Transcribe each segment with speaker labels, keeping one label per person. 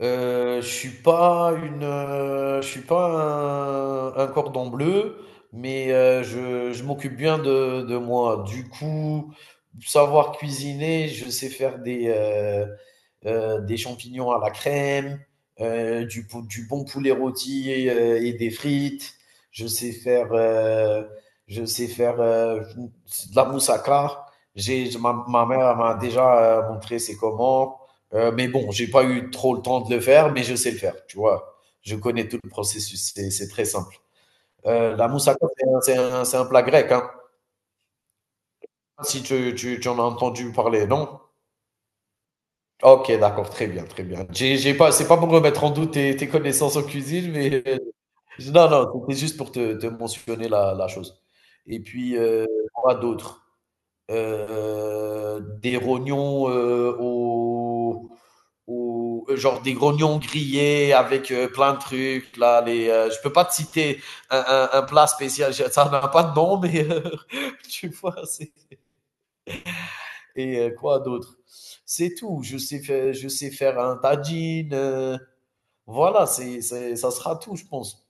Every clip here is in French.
Speaker 1: Je suis pas une, je suis pas un cordon bleu, mais je m'occupe bien de moi. Du coup, savoir cuisiner, je sais faire des champignons à la crème, du bon poulet rôti et des frites. Je sais faire, heu, je sais faire, de la moussaka. J'ai ma mère elle m'a déjà, montré c'est comment. Mais bon, j'ai pas eu trop le temps de le faire, mais je sais le faire, tu vois. Je connais tout le processus, c'est très simple. La moussaka, c'est un plat grec, hein. Si tu en as entendu parler, non? Ok, d'accord, très bien, très bien. J'ai pas, c'est pas pour remettre en doute tes connaissances en cuisine, mais non, non, c'était juste pour te mentionner la chose. Et puis, quoi d'autre? Des rognons genre des rognons grillés avec plein de trucs là les je peux pas te citer un plat spécial, ça n'a pas de nom, mais tu vois c'est et quoi d'autre. C'est tout je sais faire un tagine voilà ça sera tout je pense,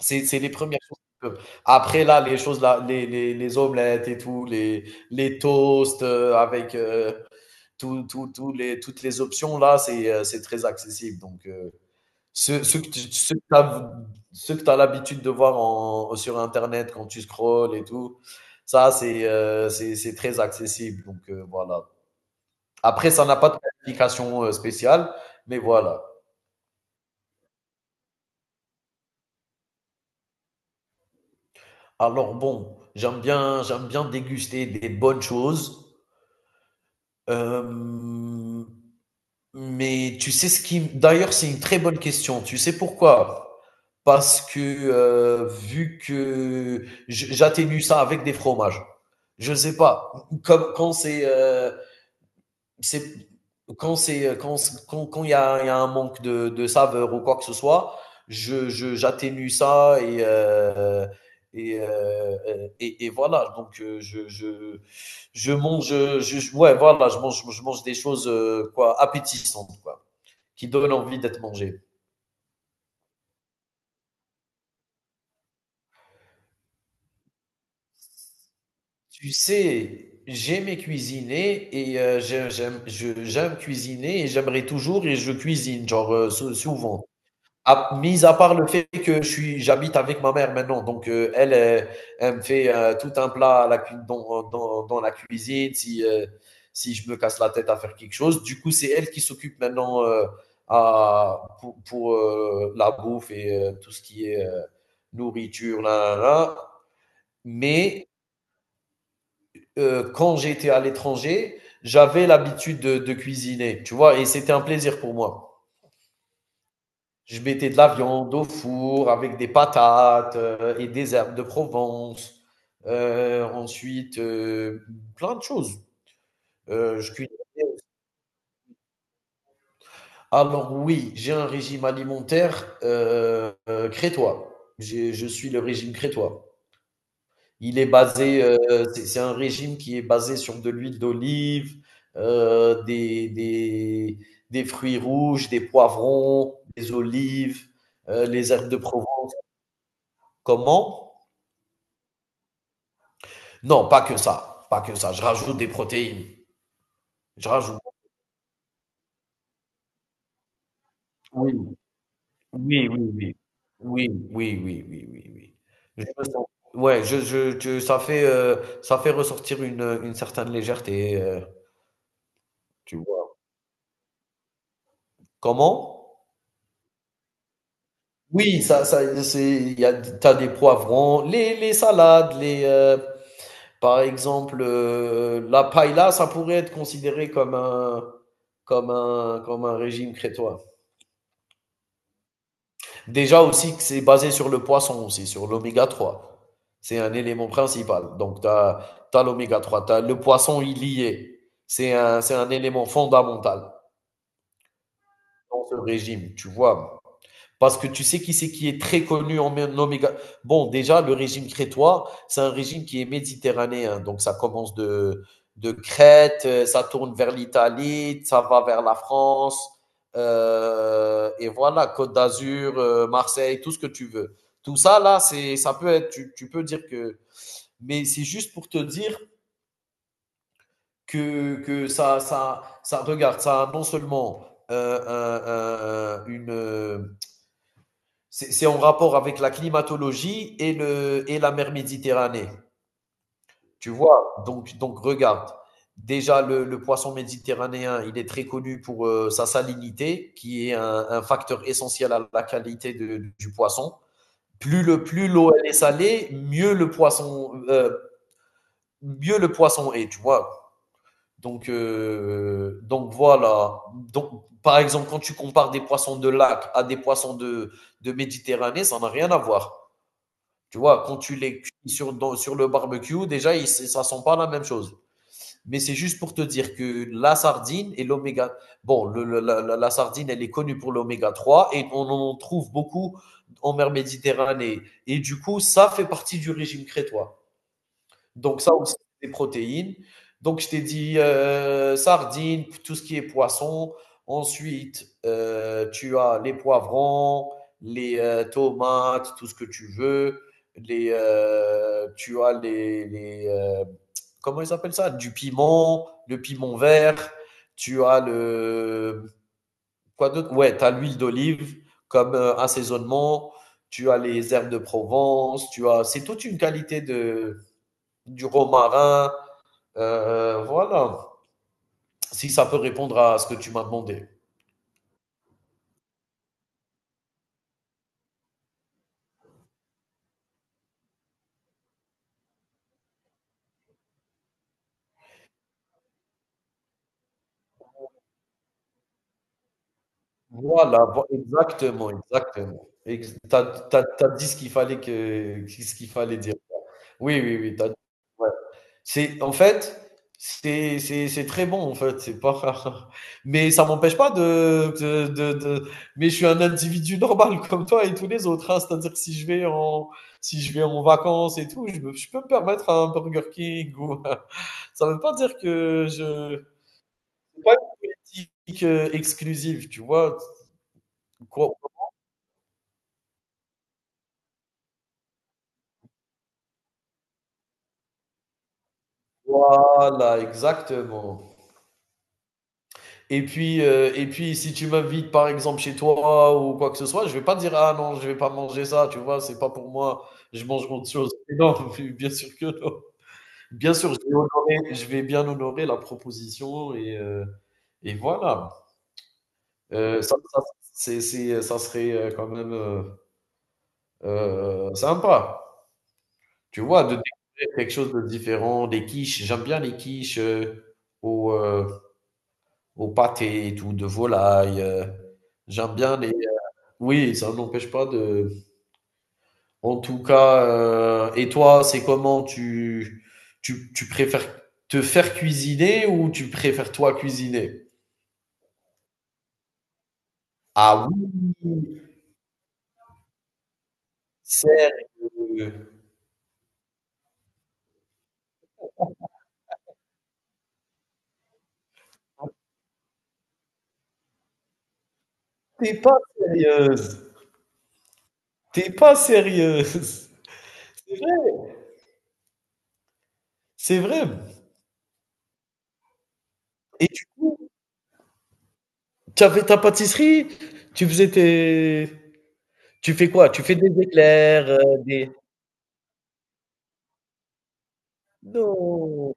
Speaker 1: c'est les premières choses qui peuvent. Après là les choses là les omelettes et tout les toasts avec tout les, toutes les options là, c'est très accessible. Donc, ceux que tu as l'habitude de voir sur Internet quand tu scrolls et tout, ça, c'est c'est très accessible. Donc, voilà. Après, ça n'a pas de qualification spéciale, mais voilà. Alors, bon, j'aime bien déguster des bonnes choses. Euh, Mais tu sais ce qui d'ailleurs, c'est une très bonne question. Tu sais pourquoi? Parce que vu que je j'atténue ça avec des fromages. Je ne sais pas, comme quand c'est, c'est quand c'est, quand s quand quand il y a un manque de saveur ou quoi que ce soit, je j'atténue ça et et voilà donc je mange, je ouais voilà, je mange des choses, quoi, appétissantes, quoi, qui donne envie d'être mangé. Tu sais, j'aimais cuisiner et j'aime cuisiner et j'aimerais toujours et je cuisine, genre souvent. Mis à part le fait que j'habite avec ma mère maintenant, donc elle, elle me fait tout un plat à la dans la cuisine si, si je me casse la tête à faire quelque chose. Du coup, c'est elle qui s'occupe maintenant pour, la bouffe et tout ce qui est nourriture, là, là, là. Mais quand j'étais à l'étranger, j'avais l'habitude de cuisiner, tu vois, et c'était un plaisir pour moi. Je mettais de la viande au four avec des patates et des herbes de Provence. Ensuite, plein de choses. Je cuisinais. Alors oui, j'ai un régime alimentaire crétois. Je suis le régime crétois. Il est basé, c'est un régime qui est basé sur de l'huile d'olive, euh, des, des, des fruits rouges, des poivrons, des olives, les herbes de Provence. Comment? Non, pas que ça, pas que ça. Je rajoute des protéines. Je rajoute. Oui, oui, oui, oui. Oui, oui, oui, oui, oui, oui. Je me sens- Ouais, ça fait ressortir une certaine légèreté, tu vois. Comment? Oui, ça ça c'est il y a t'as des poivrons, les salades, les, par exemple, la paella, ça pourrait être considéré comme un régime crétois. Déjà aussi que c'est basé sur le poisson aussi, sur l'oméga trois. C'est un élément principal. Donc tu as l'oméga 3, t'as le poisson il y est. C'est un élément fondamental dans ce régime, tu vois? Parce que tu sais qui c'est qui est très connu en Oméga. Bon, déjà, le régime crétois, c'est un régime qui est méditerranéen. Donc, ça commence de Crète, ça tourne vers l'Italie, ça va vers la France. Et voilà, Côte d'Azur, Marseille, tout ce que tu veux. Tout ça, là, c'est, ça peut être, tu peux dire que. Mais c'est juste pour te dire que ça, regarde, ça a non seulement euh, un- un- une, euh, c'est en rapport avec la climatologie et, et la mer Méditerranée. Tu vois, donc regarde. Déjà, le poisson méditerranéen, il est très connu pour sa salinité, qui est un facteur essentiel à la qualité du poisson. Plus l'eau elle est salée, mieux le poisson, est, tu vois. Donc voilà. Donc, par exemple, quand tu compares des poissons de lac à des poissons de Méditerranée, ça n'a rien à voir. Tu vois, quand tu les cuis sur le barbecue, déjà, ça sent pas la même chose. Mais c'est juste pour te dire que la sardine et l'oméga. Bon, la sardine, elle est connue pour l'oméga 3, et on en trouve beaucoup en mer Méditerranée. Et du coup, ça fait partie du régime crétois. Donc, ça aussi, c'est des protéines. Donc, je t'ai dit sardines, tout ce qui est poisson. Ensuite, tu as les poivrons, les tomates, tout ce que tu veux. Les, comment ils appellent ça? Du piment, le piment vert. Tu as le, quoi d'autre? Ouais, tu as l'huile d'olive comme assaisonnement. Tu as les herbes de Provence. Tu as, c'est toute une qualité de, du romarin. Voilà, si ça peut répondre à ce que tu m'as demandé. Voilà, exactement, exactement. T'as, t'as dit ce qu'il fallait que, ce qu'il fallait dire. Oui, oui, oui. Ouais. C'est en fait, c'est très bon en fait, c'est pas. Mais ça m'empêche pas Mais je suis un individu normal comme toi et tous les autres. Hein. C'est-à-dire si je vais en vacances et tout, je peux me permettre un Burger King ou. Ça veut pas dire que je. C'est pas une politique exclusive, tu vois. Quoi- Voilà, exactement. Et puis, si tu m'invites par exemple chez toi ou quoi que ce soit, je vais pas dire ah non, je vais pas manger ça, tu vois, c'est pas pour moi, je mange autre chose. Mais non, bien sûr que non. Bien sûr, je vais bien honorer la proposition et voilà. Euh, ça, ça, ça serait quand même sympa, tu vois, de découvrir quelque chose de différent. Des quiches, j'aime bien les quiches au, euh, au pâté et tout, de volaille. J'aime bien les, oui, ça n'empêche pas de en tout cas, et toi, c'est comment? Tu préfères te faire cuisiner ou tu préfères toi cuisiner? Ah oui! Sérieux? T'es pas sérieuse! T'es pas sérieuse! C'est vrai! C'est vrai. Et du coup, tu avais ta pâtisserie? Tu faisais tes Tu fais quoi? Tu fais des éclairs, des non!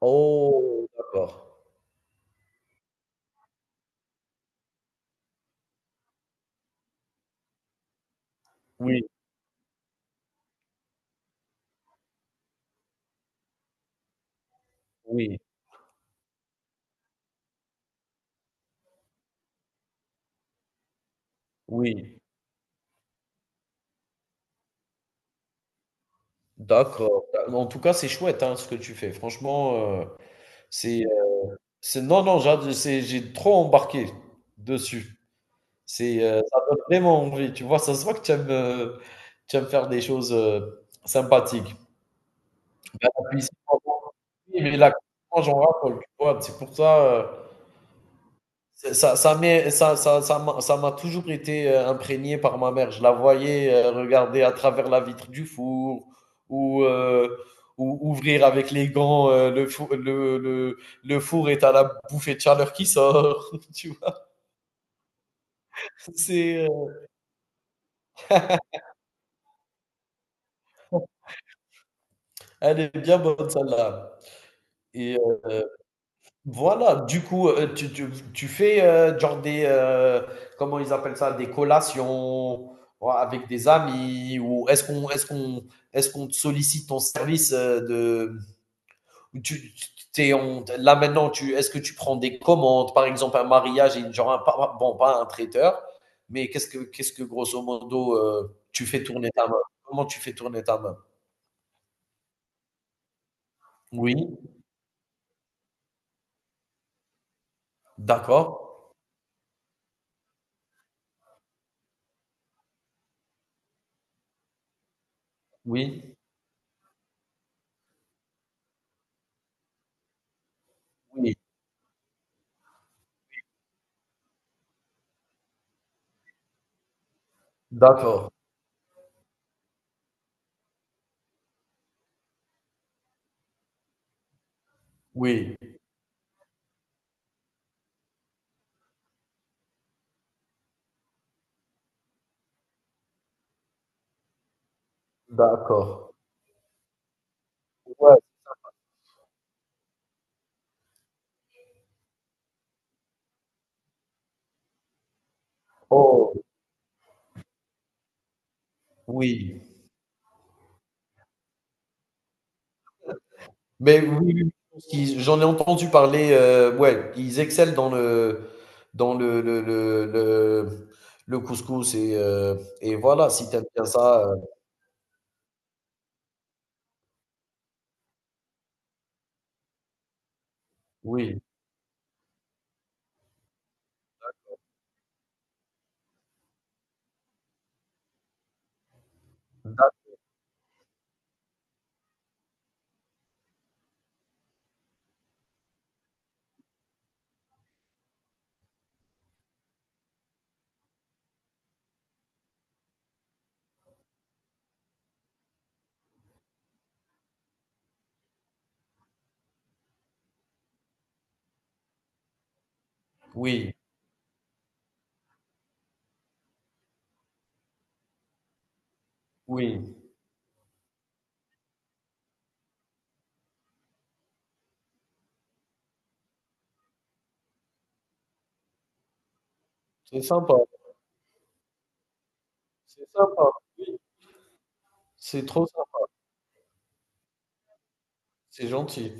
Speaker 1: Oh! D'accord. Oui, oui, oui. D'accord. En tout cas, c'est chouette hein, ce que tu fais. Franchement, c'est, euh, c'est, non, non, j'ai trop embarqué dessus. C'est, ça donne vraiment envie. Tu vois, ça se voit que tu aimes faire des choses sympathiques. Ben, la cuisine, on en dit, mais la cuisine, moi, j'en raffole. Tu vois, c'est pour ça. C'est- Ça, m'est- ça, ça m'a toujours été imprégné par ma mère. Je la voyais regarder à travers la vitre du four ou, euh, ou ouvrir avec les gants le four et t'as la bouffée de chaleur qui sort. Tu vois, c'est, elle est bien bonne celle-là. Et euh, voilà, du coup, tu fais, genre comment ils appellent ça? Des collations, ou avec des amis ou est-ce qu'on te sollicite ton service, de ou tu tu tu es là maintenant tu est-ce que tu prends des commandes? Par exemple, un mariage et genre un pas bon, pas un traiteur, mais qu'est-ce que grosso modo, tu fais tourner ta main? Comment tu fais tourner ta main? Oui, d'accord. Oui, oui, d'accord. Oui, d'accord. Ouais. Oh, oui. Mais oui, oui, oui, j'en ai entendu parler, ouais, ils excellent dans le couscous et voilà, si t'aimes bien ça, oui. Oui, oui, c'est sympa, c'est sympa, oui. C'est trop sympa, c'est gentil.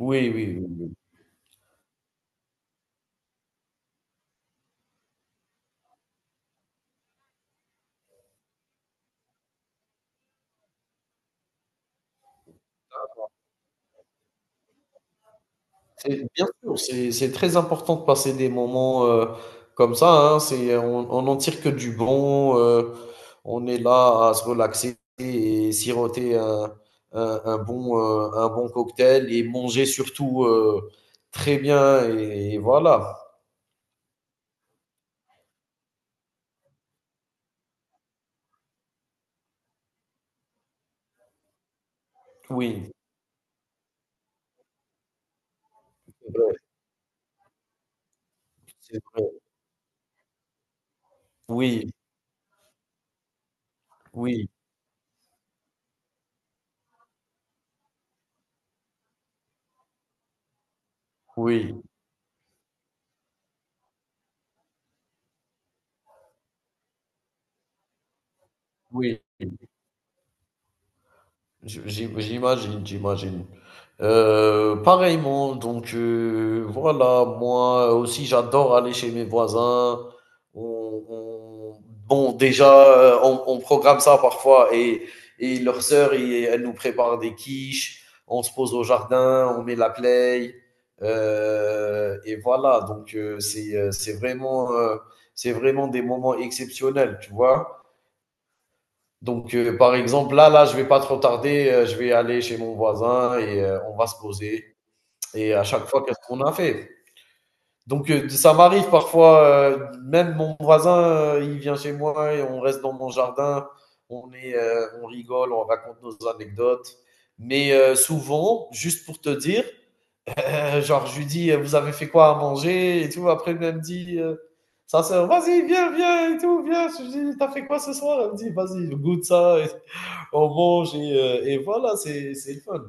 Speaker 1: Oui, oui, oui. C'est bien sûr, c'est très important de passer des moments, comme ça, hein. C'est on n'en tire que du bon, on est là à se relaxer et siroter un bon cocktail et manger surtout, très bien et voilà. Oui, c'est vrai. Oui, oui, oui, oui. J'imagine, j'imagine. Pareillement, donc voilà, moi aussi j'adore aller chez mes voisins. On- on- Bon, déjà, on programme ça parfois et leur sœur, elle nous prépare des quiches, on se pose au jardin, on met la play. Et voilà, donc c'est vraiment des moments exceptionnels, tu vois. Donc, par exemple, là, là, je vais pas trop tarder, je vais aller chez mon voisin et on va se poser. Et à chaque fois, qu'est-ce qu'on a fait? Donc, ça m'arrive parfois, même mon voisin, il vient chez moi et on reste dans mon jardin, on rigole, on raconte nos anecdotes. Mais souvent, juste pour te dire, genre, je lui dis, vous avez fait quoi à manger et tout. Après, elle me dit, sa sœur, vas-y, viens, viens et tout, viens. Je lui dis, t'as fait quoi ce soir? Elle me dit, vas-y, goûte ça, on mange et voilà, c'est le fun.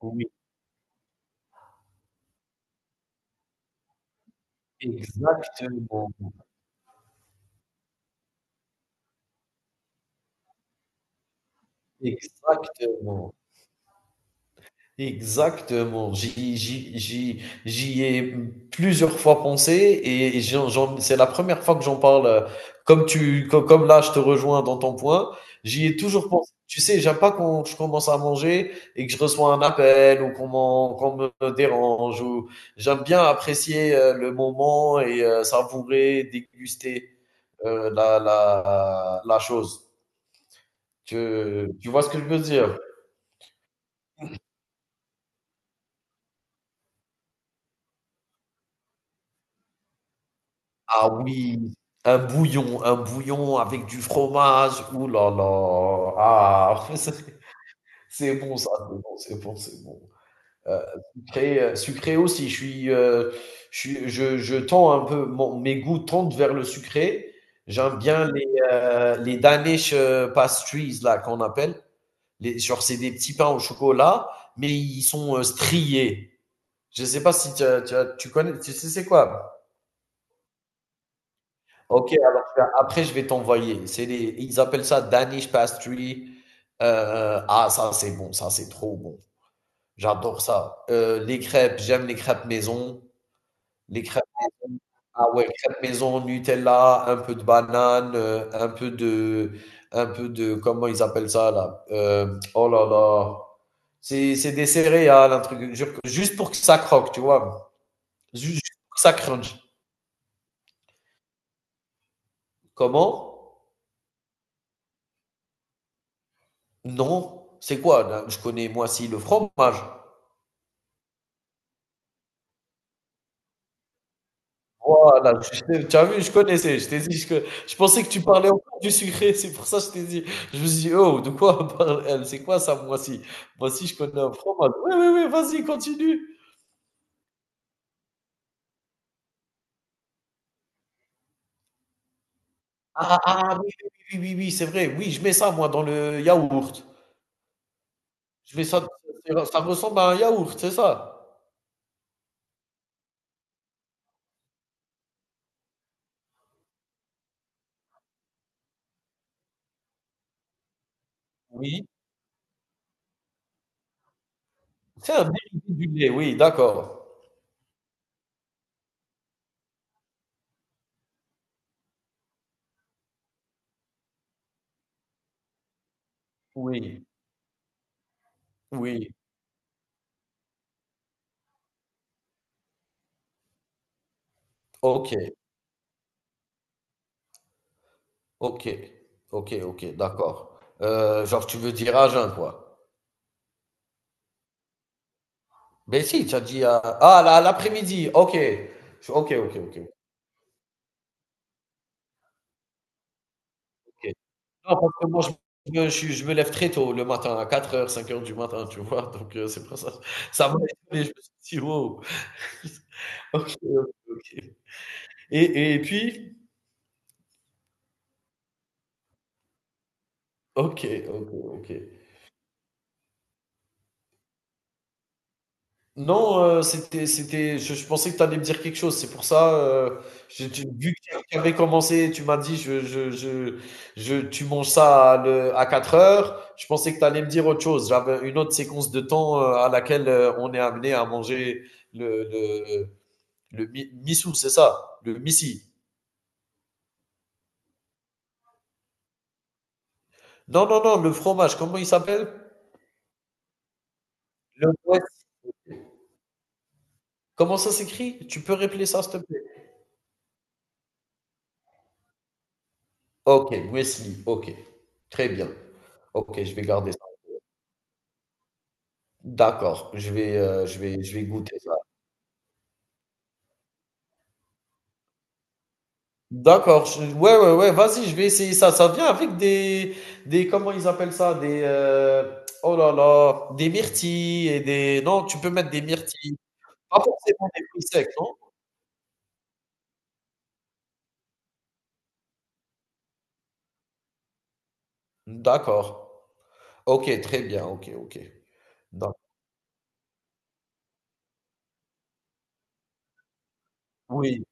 Speaker 1: Oui, exactement. Exactement. Exactement. J'y ai plusieurs fois pensé et c'est la première fois que j'en parle. Comme, là, je te rejoins dans ton point. J'y ai toujours pensé. Tu sais, j'aime pas quand je commence à manger et que je reçois un appel ou qu'on me dérange ou j'aime bien apprécier le moment et savourer, déguster la chose. Tu, tu vois ce que je veux dire? Ah oui, un bouillon avec du fromage. Ouh là là. Ah, c'est bon ça, c'est bon, c'est bon, c'est bon. Heu, sucré aussi, je suis, je suis je tends un peu, mon mes goûts tendent vers le sucré. J'aime bien les Danish, pastries là qu'on appelle. Les genre c'est des petits pains au chocolat, mais ils sont, striés. Je sais pas si tu as tu as tu connais tu sais c'est quoi. Ok, alors après je vais t'envoyer. Ils appellent ça Danish pastry. Ah, ça c'est bon, ça c'est trop bon. J'adore ça. Les crêpes, j'aime les crêpes maison. Les crêpes maison. Ah ouais, crêpes maison, Nutella, un peu de banane, comment ils appellent ça là? Oh là là, c'est des céréales, un truc, juste pour que ça croque, tu vois. Juste pour que ça crunch. Comment? Non, c'est quoi? Là, je connais moi si le fromage. Voilà, tu sais, tu as vu, je connaissais, je t'ai dit, je pensais que tu parlais encore du sucré, c'est pour ça que je t'ai dit, je me suis dit: «Oh, de quoi parle elle? C'est quoi ça, moi si? Moi si je connais un fromage». «Oui, oui, oui, vas-y, continue». Ah ah, ah, oui, oui, oui, oui, oui, oui, c'est vrai, oui, je mets ça moi dans le yaourt. Je mets ça Ça ressemble à un yaourt, c'est ça? Oui, c'est un dérivé du lait, oui, d'accord. Oui, oui, OK. Ok, ok, ok, d'accord. Genre, tu veux dire à jeun, quoi. Ben si, tu as dit à, ah, là, l'après-midi, ok. Ok, ok, ok. Ok. Non, parce que moi, je me lève très tôt le matin, à 4 heures 5 heures du matin, tu vois. Donc, c'est pour ça. Ça m'a étonné, je me suis dit, wow. Ok, ok, ok. Et puis, ok, ok, ok. Non, c'était, je pensais que tu allais me dire quelque chose. C'est pour ça, vu que tu avais commencé, tu m'as dit, tu manges ça à 4 heures. Je pensais que tu allais me dire autre chose. J'avais une autre séquence de temps à laquelle on est amené à manger le, le, le missou, c'est ça, le missi. Non, non, non, le fromage, comment il s'appelle? Le Wes- Comment ça s'écrit? Tu peux répéter ça, s'il te plaît? Ok, Wesley, ok. Très bien. Ok, je vais garder. D'accord, je vais goûter ça. D'accord, je ouais, ouais, ouais, vas-y, je vais essayer ça. Ça vient avec des comment ils appellent ça? Oh là là, des myrtilles et des non, tu peux mettre des myrtilles, pas forcément des fruits secs, non? D'accord. OK, très bien, OK, OK. D'ac Oui,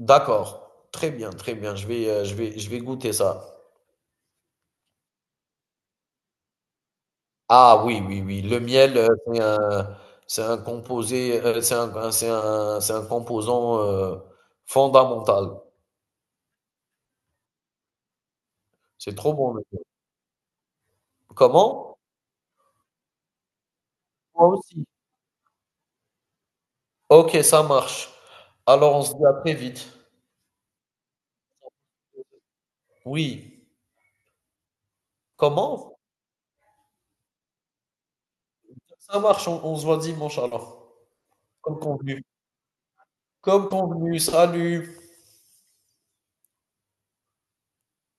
Speaker 1: d'accord. Très bien, très bien. Je vais goûter ça. Ah oui, oui, oui. Le miel, c'est un composé, c'est un composant fondamental. C'est trop bon, le miel. Comment? Moi aussi. Ok, ça marche. Alors on se dit à très vite. Oui. Comment? Ça marche, on se voit dimanche alors. Comme convenu. Comme convenu, salut.